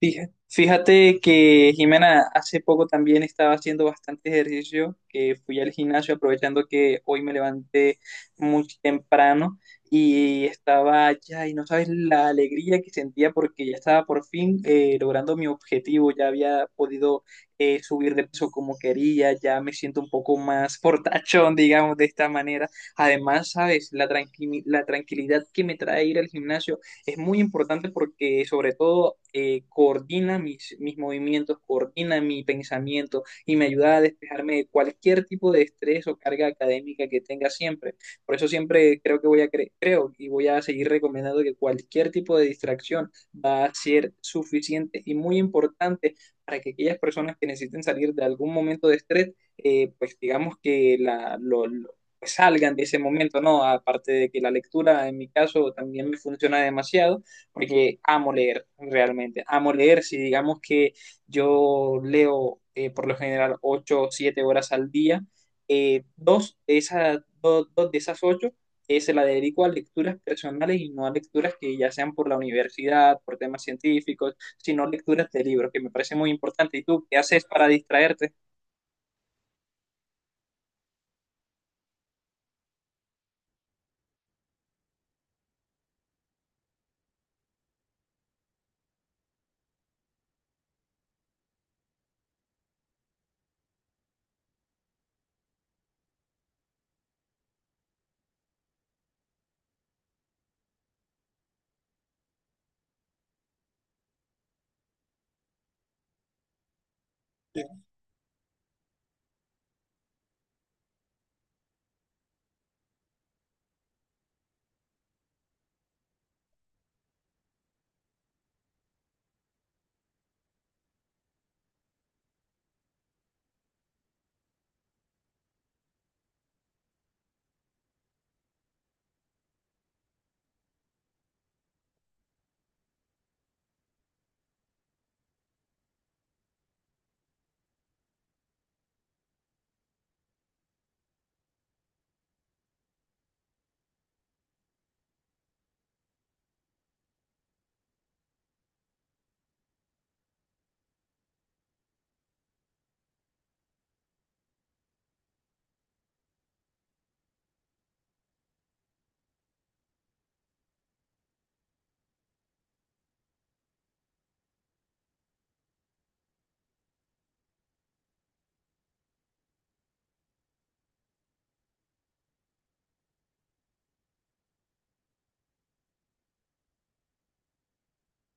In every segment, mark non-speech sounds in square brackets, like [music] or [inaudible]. Fíjate que Jimena hace poco también estaba haciendo bastante ejercicio, que fui al gimnasio aprovechando que hoy me levanté muy temprano y estaba allá y no sabes la alegría que sentía porque ya estaba por fin logrando mi objetivo, ya había podido subir de peso como quería, ya me siento un poco más fortachón, digamos, de esta manera. Además, sabes, la la tranquilidad que me trae ir al gimnasio es muy importante porque sobre todo coordina mis movimientos, coordina mi pensamiento y me ayuda a despejarme de cualquier tipo de estrés o carga académica que tenga siempre. Por eso siempre creo que voy a creo y voy a seguir recomendando que cualquier tipo de distracción va a ser suficiente y muy importante para que aquellas personas que necesiten salir de algún momento de estrés, pues digamos que lo salgan de ese momento, ¿no? Aparte de que la lectura en mi caso también me funciona demasiado, porque amo leer, realmente, amo leer, si digamos que yo leo por lo general 8 o 7 horas al día, dos de esas, dos de esas 8 se la dedico a lecturas personales y no a lecturas que ya sean por la universidad, por temas científicos, sino lecturas de libros, que me parece muy importante. ¿Y tú qué haces para distraerte?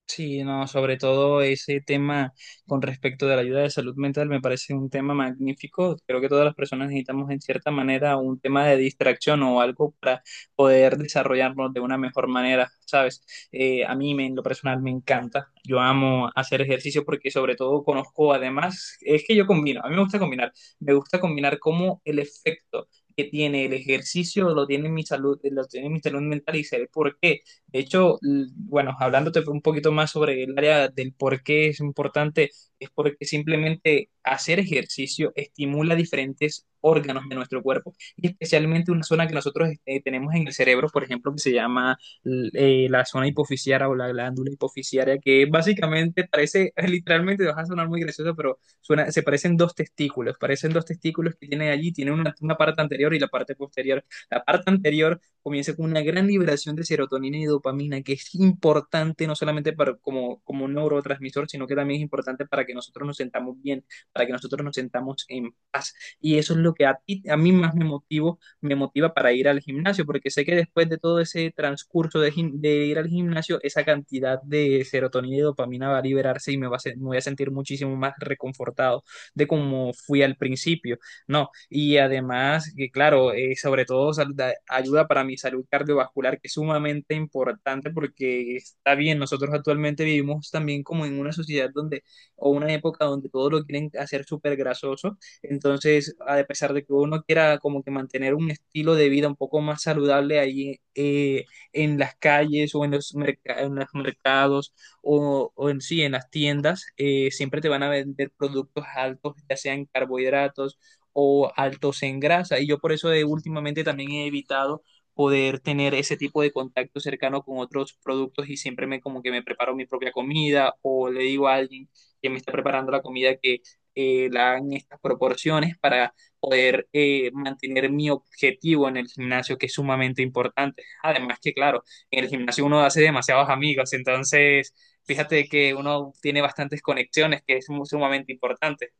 Sí, no, sobre todo ese tema con respecto de la ayuda de salud mental me parece un tema magnífico. Creo que todas las personas necesitamos en cierta manera un tema de distracción o algo para poder desarrollarnos de una mejor manera, ¿sabes? A mí en lo personal me encanta. Yo amo hacer ejercicio porque sobre todo conozco, además, es que yo combino, a mí me gusta combinar cómo el efecto que tiene el ejercicio lo tiene en mi salud, lo tiene en mi salud mental y sé el por qué. De hecho, bueno, hablándote un poquito más sobre el área del por qué es importante, es porque simplemente hacer ejercicio estimula diferentes órganos de nuestro cuerpo y especialmente una zona que nosotros tenemos en el cerebro, por ejemplo, que se llama la zona hipofisiaria o la glándula hipofisiaria, que básicamente parece, [laughs] literalmente, vas a sonar muy gracioso, pero suena, se parecen dos testículos que tiene allí, tiene una parte anterior y la parte posterior. La parte anterior comienza con una gran liberación de serotonina y dopamina, que es importante no solamente para, como un neurotransmisor, sino que también es importante para que nosotros nos sentamos bien, para que nosotros nos sentamos en paz. Y eso es lo que a ti, a mí más me motiva para ir al gimnasio, porque sé que después de todo ese transcurso de, de ir al gimnasio, esa cantidad de serotonina y dopamina va a liberarse y me voy a sentir muchísimo más reconfortado de como fui al principio. No, y además, que claro, sobre todo ayuda para mi salud cardiovascular, que es sumamente importante porque está bien, nosotros actualmente vivimos también como en una sociedad donde, o una época donde todo lo quieren hacer súper grasoso, entonces, a pesar de que uno quiera como que mantener un estilo de vida un poco más saludable ahí en las calles o en en los mercados o en sí, en las tiendas, siempre te van a vender productos altos, ya sean carbohidratos, o altos en grasa. Y yo por eso últimamente también he evitado poder tener ese tipo de contacto cercano con otros productos y siempre me como que me preparo mi propia comida o le digo a alguien que me está preparando la comida que la hagan en estas proporciones para poder mantener mi objetivo en el gimnasio, que es sumamente importante. Además que, claro, en el gimnasio uno hace demasiados amigos, entonces fíjate que uno tiene bastantes conexiones, que es sumamente importante.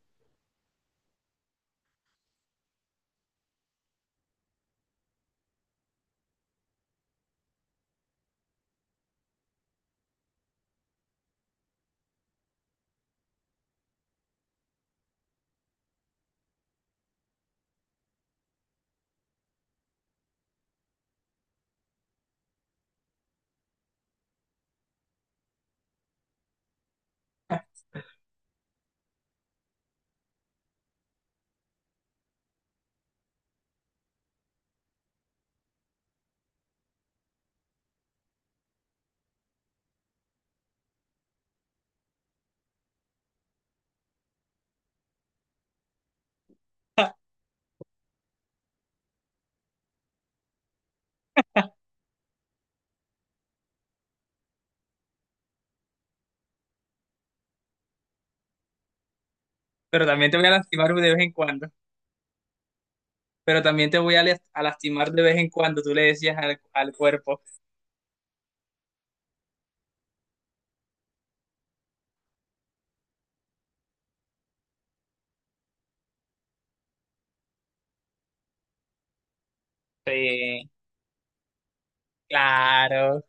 Pero también te voy a lastimar de vez en cuando. Pero también te voy a lastimar de vez en cuando, tú le decías al cuerpo. Sí, claro.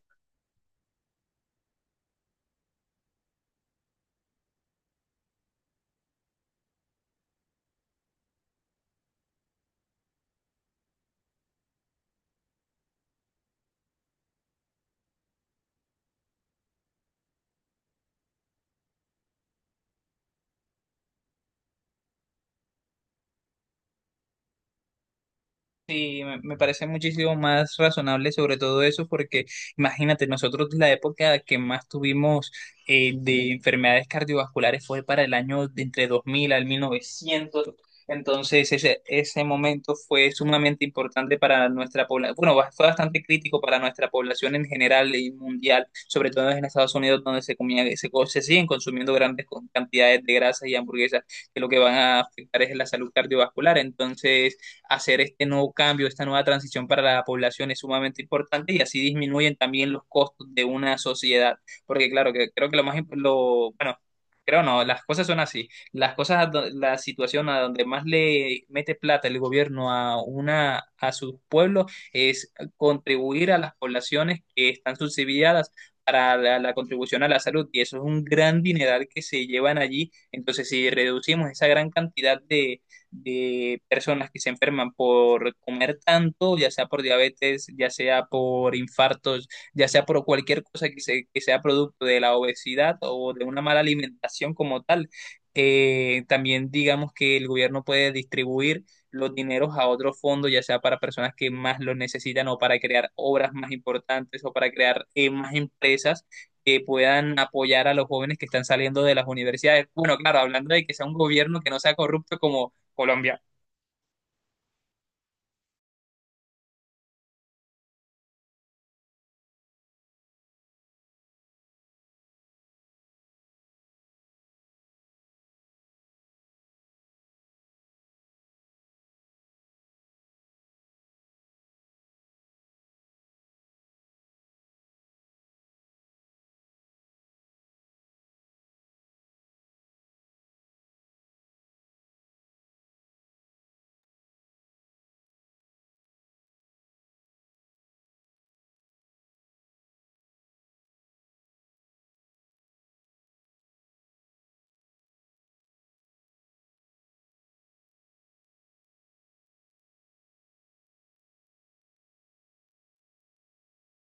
Sí, me parece muchísimo más razonable sobre todo eso, porque imagínate, nosotros la época que más tuvimos de enfermedades cardiovasculares fue para el año de entre 2000 al 1900, entonces ese momento fue sumamente importante para nuestra población, bueno, fue bastante crítico para nuestra población en general y mundial, sobre todo en Estados Unidos donde se comía, se siguen consumiendo grandes cantidades de grasas y hamburguesas, que lo que van a afectar es la salud cardiovascular, entonces hacer este nuevo cambio, esta nueva transición para la población es sumamente importante y así disminuyen también los costos de una sociedad. Porque claro, que creo que lo bueno, creo no, las cosas son así. Las cosas, a do- La situación a donde más le mete plata el gobierno a una, a sus pueblos es contribuir a las poblaciones que están subsidiadas para la contribución a la salud y eso es un gran dineral que se llevan allí. Entonces, si reducimos esa gran cantidad de personas que se enferman por comer tanto, ya sea por diabetes, ya sea por infartos, ya sea por cualquier cosa que sea producto de la obesidad o de una mala alimentación como tal. También digamos que el gobierno puede distribuir los dineros a otros fondos, ya sea para personas que más lo necesitan o para crear obras más importantes o para crear más empresas que puedan apoyar a los jóvenes que están saliendo de las universidades. Bueno, claro, hablando de que sea un gobierno que no sea corrupto como Colombia.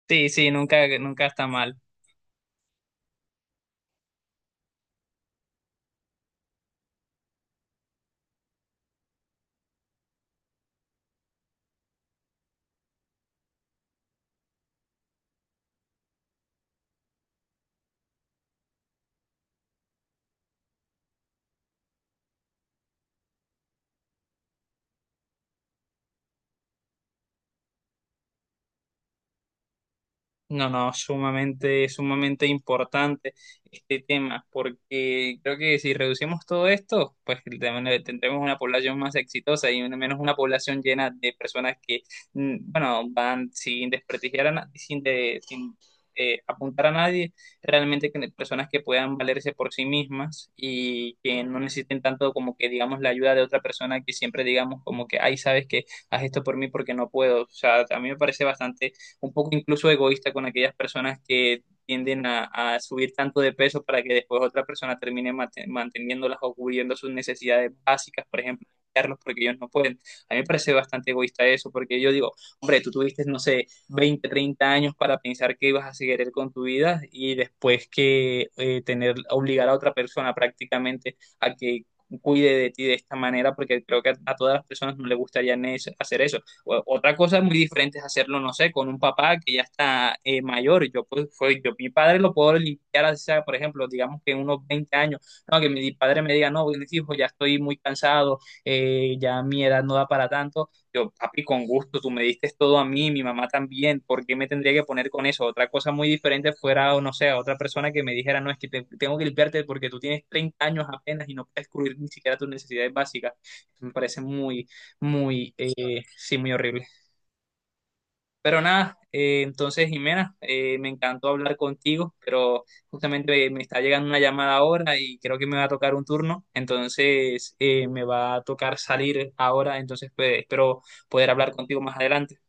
Sí, sí, nunca, nunca está mal. No, no, sumamente, sumamente importante este tema, porque creo que si reducimos todo esto, pues también tendremos una población más exitosa y menos una población llena de personas que, mm, bueno, van sin desprestigiar a sin apuntar a nadie, realmente personas que puedan valerse por sí mismas y que no necesiten tanto como que, digamos, la ayuda de otra persona que siempre digamos como que, ay, sabes que haz esto por mí porque no puedo. O sea, a mí me parece bastante un poco incluso egoísta con aquellas personas que tienden a subir tanto de peso para que después otra persona termine manteniéndolas o cubriendo sus necesidades básicas, por ejemplo, cuidarlos porque ellos no pueden. A mí me parece bastante egoísta eso, porque yo digo, hombre, tú tuviste, no sé, 20, 30 años para pensar que ibas a seguir con tu vida y después que tener, obligar a otra persona prácticamente a que cuide de ti de esta manera, porque creo que a todas las personas no les gustaría hacer eso. Otra cosa muy diferente es hacerlo, no sé, con un papá que ya está mayor. Yo, pues, yo, mi padre lo puedo limpiar, así sea, por ejemplo, digamos que en unos 20 años, no, que mi padre me diga, no, Luis, hijo, ya estoy muy cansado, ya mi edad no da para tanto. Yo, papi, con gusto, tú me diste todo a mí, mi mamá también, ¿por qué me tendría que poner con eso? Otra cosa muy diferente fuera, o no sé, otra persona que me dijera, no, es que tengo que limpiarte porque tú tienes 30 años apenas y no puedes cubrir ni siquiera tus necesidades básicas. Me parece muy muy horrible. Pero nada, entonces Jimena, me encantó hablar contigo, pero justamente me está llegando una llamada ahora y creo que me va a tocar un turno, entonces me va a tocar salir ahora, entonces pues, espero poder hablar contigo más adelante.